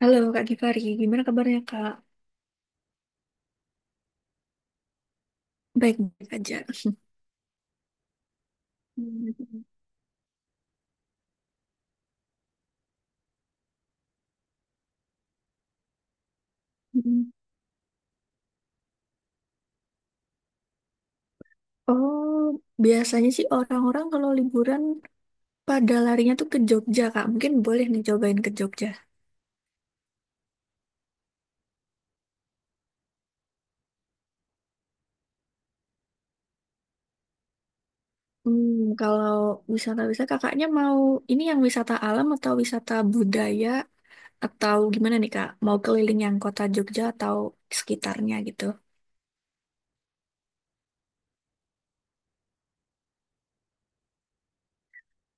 Halo Kak Givari, gimana kabarnya Kak? Baik-baik aja. Mm. Oh, biasanya sih orang-orang kalau liburan pada larinya tuh ke Jogja Kak. Mungkin boleh nih cobain ke Jogja. Hmm, kalau wisata-wisata kakaknya mau ini yang wisata alam atau wisata budaya atau gimana nih Kak? Mau keliling yang kota Jogja atau sekitarnya gitu?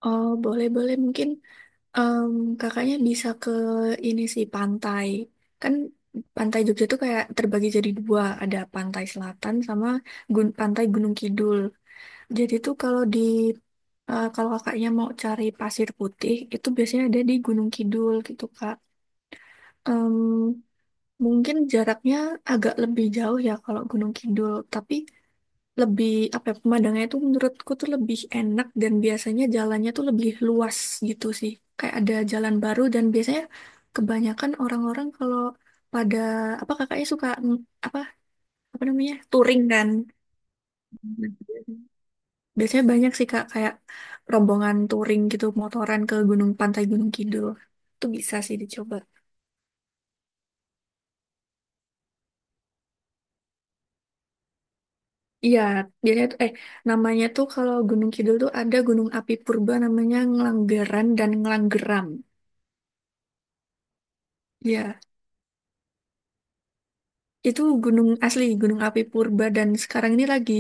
Oh, boleh-boleh mungkin. Em, Kakaknya bisa ke ini sih pantai. Kan pantai Jogja tuh kayak terbagi jadi dua, ada pantai selatan sama pantai Gunung Kidul. Jadi tuh kalau kakaknya mau cari pasir putih itu biasanya ada di Gunung Kidul gitu Kak. Em, Mungkin jaraknya agak lebih jauh ya kalau Gunung Kidul, tapi lebih apa ya, pemandangannya tuh menurutku tuh lebih enak dan biasanya jalannya tuh lebih luas gitu sih. Kayak ada jalan baru dan biasanya kebanyakan orang-orang kalau pada apa kakaknya suka apa apa namanya touring kan. Nah, biasanya banyak sih kak kayak rombongan touring gitu motoran ke Gunung Pantai Gunung Kidul. Itu bisa sih dicoba. Iya, biasanya tuh eh namanya tuh kalau Gunung Kidul tuh ada Gunung Api Purba namanya Ngelanggeran dan Ngelanggeram. Iya. Itu gunung asli, gunung api purba dan sekarang ini lagi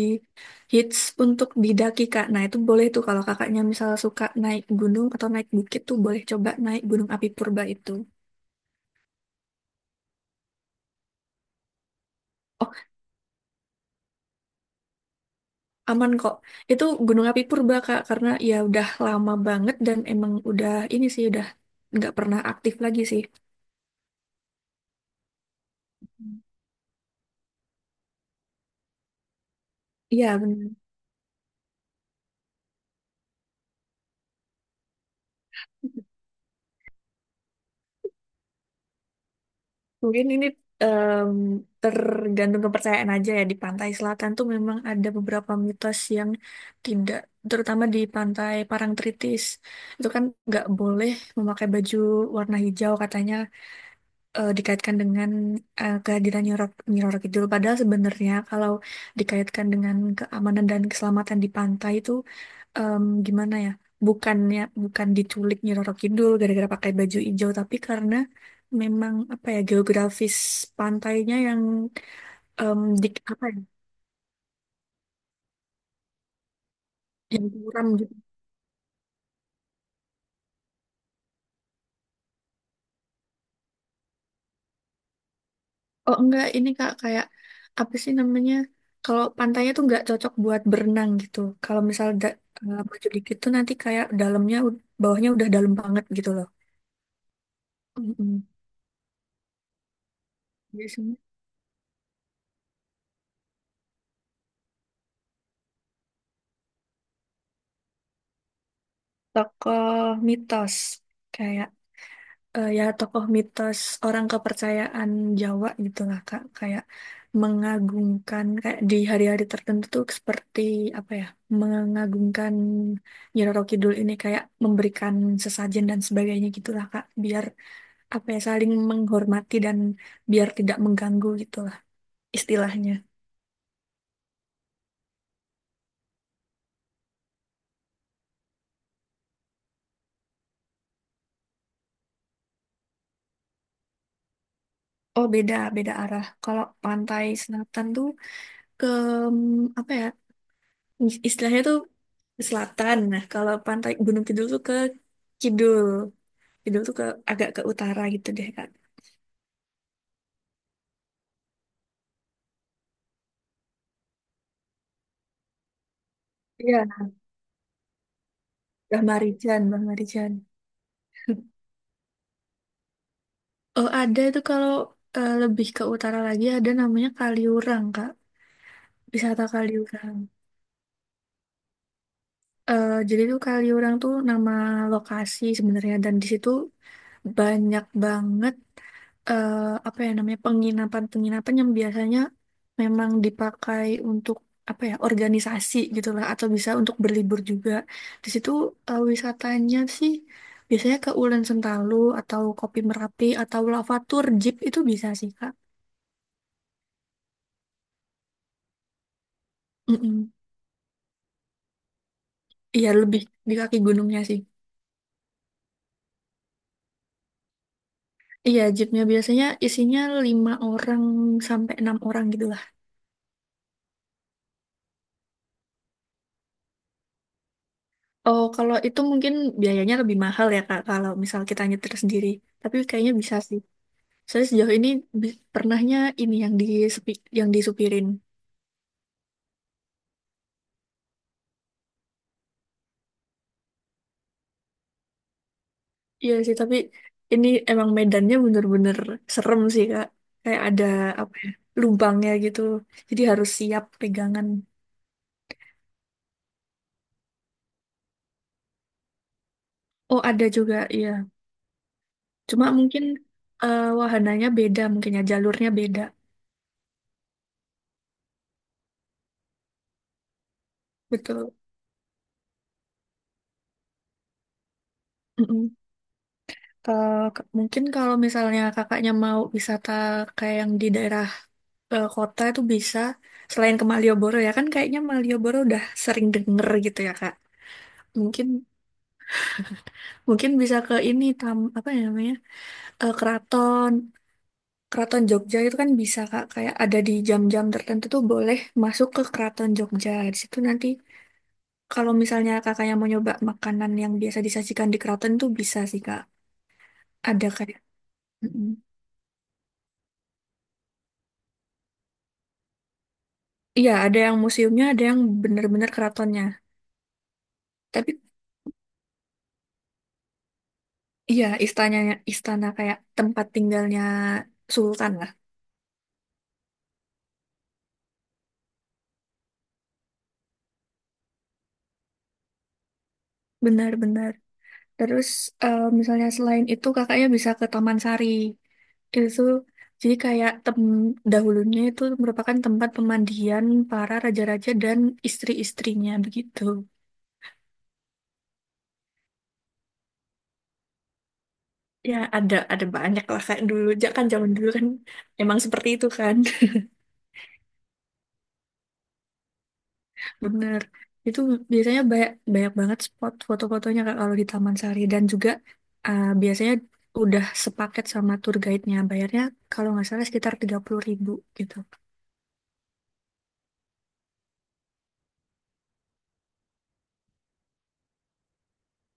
hits untuk didaki Kak. Nah, itu boleh tuh kalau kakaknya misalnya suka naik gunung atau naik bukit tuh boleh coba naik gunung api purba itu. Oh, aman kok. Itu gunung api purba Kak karena ya udah lama banget dan emang udah ini sih udah nggak pernah aktif lagi sih. Iya, benar. Mungkin ini em, tergantung kepercayaan aja ya di pantai selatan tuh memang ada beberapa mitos yang tidak, terutama di pantai Parangtritis itu kan nggak boleh memakai baju warna hijau katanya, dikaitkan dengan kehadiran Nyi Roro Kidul, padahal sebenarnya kalau dikaitkan dengan keamanan dan keselamatan di pantai itu gimana ya, bukannya bukan diculik Nyi Roro Kidul gara-gara pakai baju hijau tapi karena memang apa ya geografis pantainya yang em, dik apa ya yang curam gitu. Oh enggak ini kak kayak apa sih namanya, kalau pantainya tuh nggak cocok buat berenang gitu kalau misal baju dikit tuh nanti kayak bawahnya udah dalam banget gitu loh. Mm-mm. Biasanya tokoh mitos kayak ya tokoh mitos, orang kepercayaan Jawa gitu lah Kak, kayak mengagungkan kayak di hari-hari tertentu tuh seperti apa ya, mengagungkan Nyiroro Kidul ini kayak memberikan sesajen dan sebagainya gitulah Kak biar apa ya saling menghormati dan biar tidak mengganggu gitulah istilahnya. Oh beda, beda arah. Kalau pantai selatan tuh ke apa ya, istilahnya tuh ke selatan. Nah, kalau pantai Gunung Kidul tuh ke kidul. Kidul tuh ke agak ke utara gitu deh, Kak. Iya, Mbah Marijan. Oh, ada itu kalau lebih ke utara lagi ada namanya Kaliurang, Kak. Wisata Kaliurang. Eh, jadi tuh Kaliurang tuh nama lokasi sebenarnya dan di situ banyak banget, eh, apa ya namanya, penginapan-penginapan yang biasanya memang dipakai untuk apa ya organisasi gitulah atau bisa untuk berlibur juga. Di situ wisatanya sih biasanya ke Ulen Sentalu atau Kopi Merapi atau Lavatur Jeep itu bisa sih Kak. Mm-mm. Iya lebih di kaki gunungnya sih. Iya, jeepnya biasanya isinya lima orang sampai enam orang gitu. Oh, kalau itu mungkin biayanya lebih mahal ya, Kak, kalau misal kita nyetir sendiri. Tapi kayaknya bisa sih. Saya sejauh ini pernahnya ini yang disepi, yang disupirin. Iya sih, tapi ini emang medannya bener-bener serem sih, Kak. Kayak ada apa ya, lubangnya gitu. Jadi harus siap pegangan. Oh, ada juga, iya. Cuma mungkin wahananya beda, mungkin ya jalurnya beda. Betul. Mm-mm. Mungkin kalau misalnya kakaknya mau wisata kayak yang di daerah kota itu bisa, selain ke Malioboro ya kan kayaknya Malioboro udah sering denger gitu ya Kak. Mungkin mungkin bisa ke ini tam apa ya namanya? Eh, keraton Keraton Jogja itu kan bisa Kak, kayak ada di jam-jam tertentu tuh boleh masuk ke Keraton Jogja. Di situ nanti kalau misalnya kakaknya mau nyoba makanan yang biasa disajikan di keraton tuh bisa sih Kak. Ada kayak iya, ada yang museumnya, ada yang bener-bener keratonnya. Tapi iya, istananya istana kayak tempat tinggalnya sultan lah. Benar-benar. Terus misalnya selain itu kakaknya bisa ke Taman Sari. Itu jadi kayak tem dahulunya itu merupakan tempat pemandian para raja-raja dan istri-istrinya begitu. Ya, ada banyak lah kayak dulu. Ja- Kan zaman dulu kan emang seperti itu kan. Bener. Itu biasanya banyak, banyak banget spot foto-fotonya Kak kalau di Taman Sari dan juga biasanya udah sepaket sama tour guide-nya. Bayarnya kalau nggak salah sekitar 30.000 gitu.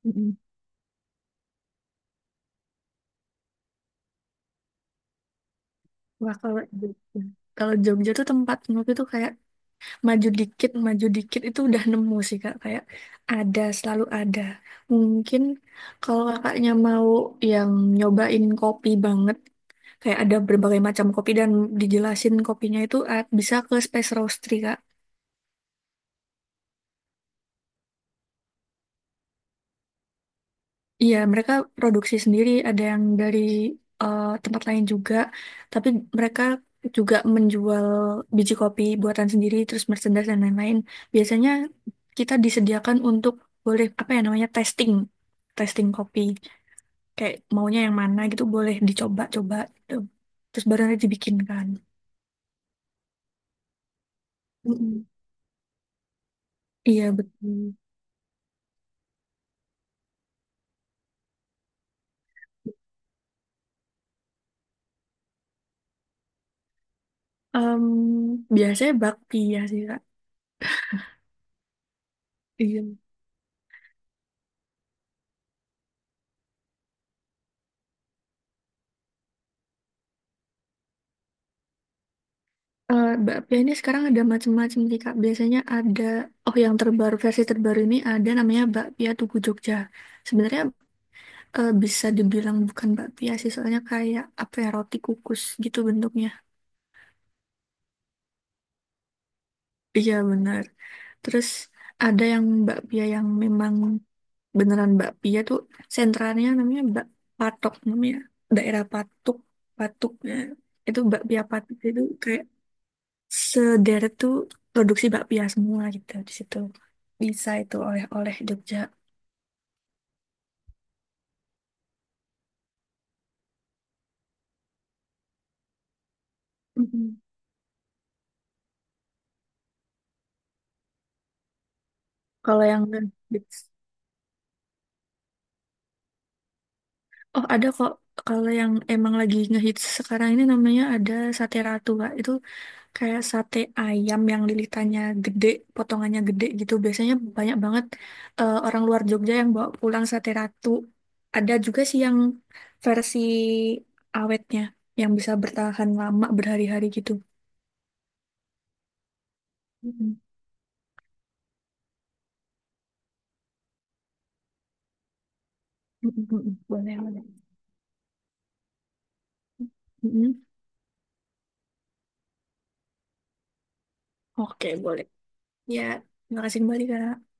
Mm-mm. Wah kalau Jogja. Kalau Jogja tuh tempat menurut itu kayak maju dikit itu udah nemu sih Kak. Kayak ada, selalu ada. Mungkin kalau kakaknya mau yang nyobain kopi banget, kayak ada berbagai macam kopi dan dijelasin kopinya itu, bisa ke Space Roastery, Kak. Iya, mereka produksi sendiri, ada yang dari tempat lain juga, tapi mereka juga menjual biji kopi buatan sendiri, terus merchandise dan lain-lain. Biasanya kita disediakan untuk boleh apa ya namanya testing, testing kopi. Kayak maunya yang mana gitu boleh dicoba-coba gitu. Terus baru nanti dibikin kan. Mm-mm. Iya betul. Em, Biasanya bakpia sih kak. Iya. Eh, bakpia ini sekarang ada macam-macam sih kak. Biasanya ada, oh yang terbaru, versi terbaru ini ada namanya bakpia Tugu Jogja. Sebenarnya bisa dibilang bukan bakpia sih, soalnya kayak apa ya, roti kukus gitu bentuknya. Iya benar. Terus ada yang bakpia yang memang beneran bakpia tuh sentralnya namanya bak Patok namanya, daerah Patuk Patuk ya. Itu bakpia Patuk itu kayak sederet tuh produksi bakpia semua gitu di situ. Bisa itu oleh-oleh Jogja. Mm. Kalau yang ngehits, oh ada kok. Kalau yang emang lagi ngehits sekarang ini namanya ada sate ratu, Kak. Itu kayak sate ayam yang lilitannya gede, potongannya gede gitu. Biasanya banyak banget orang luar Jogja yang bawa pulang sate ratu. Ada juga sih yang versi awetnya, yang bisa bertahan lama berhari-hari gitu. Mm-mm. Mm-mm, boleh, boleh. Mm-mm. Oke, boleh. Ya, terima kasih kembali, Kak.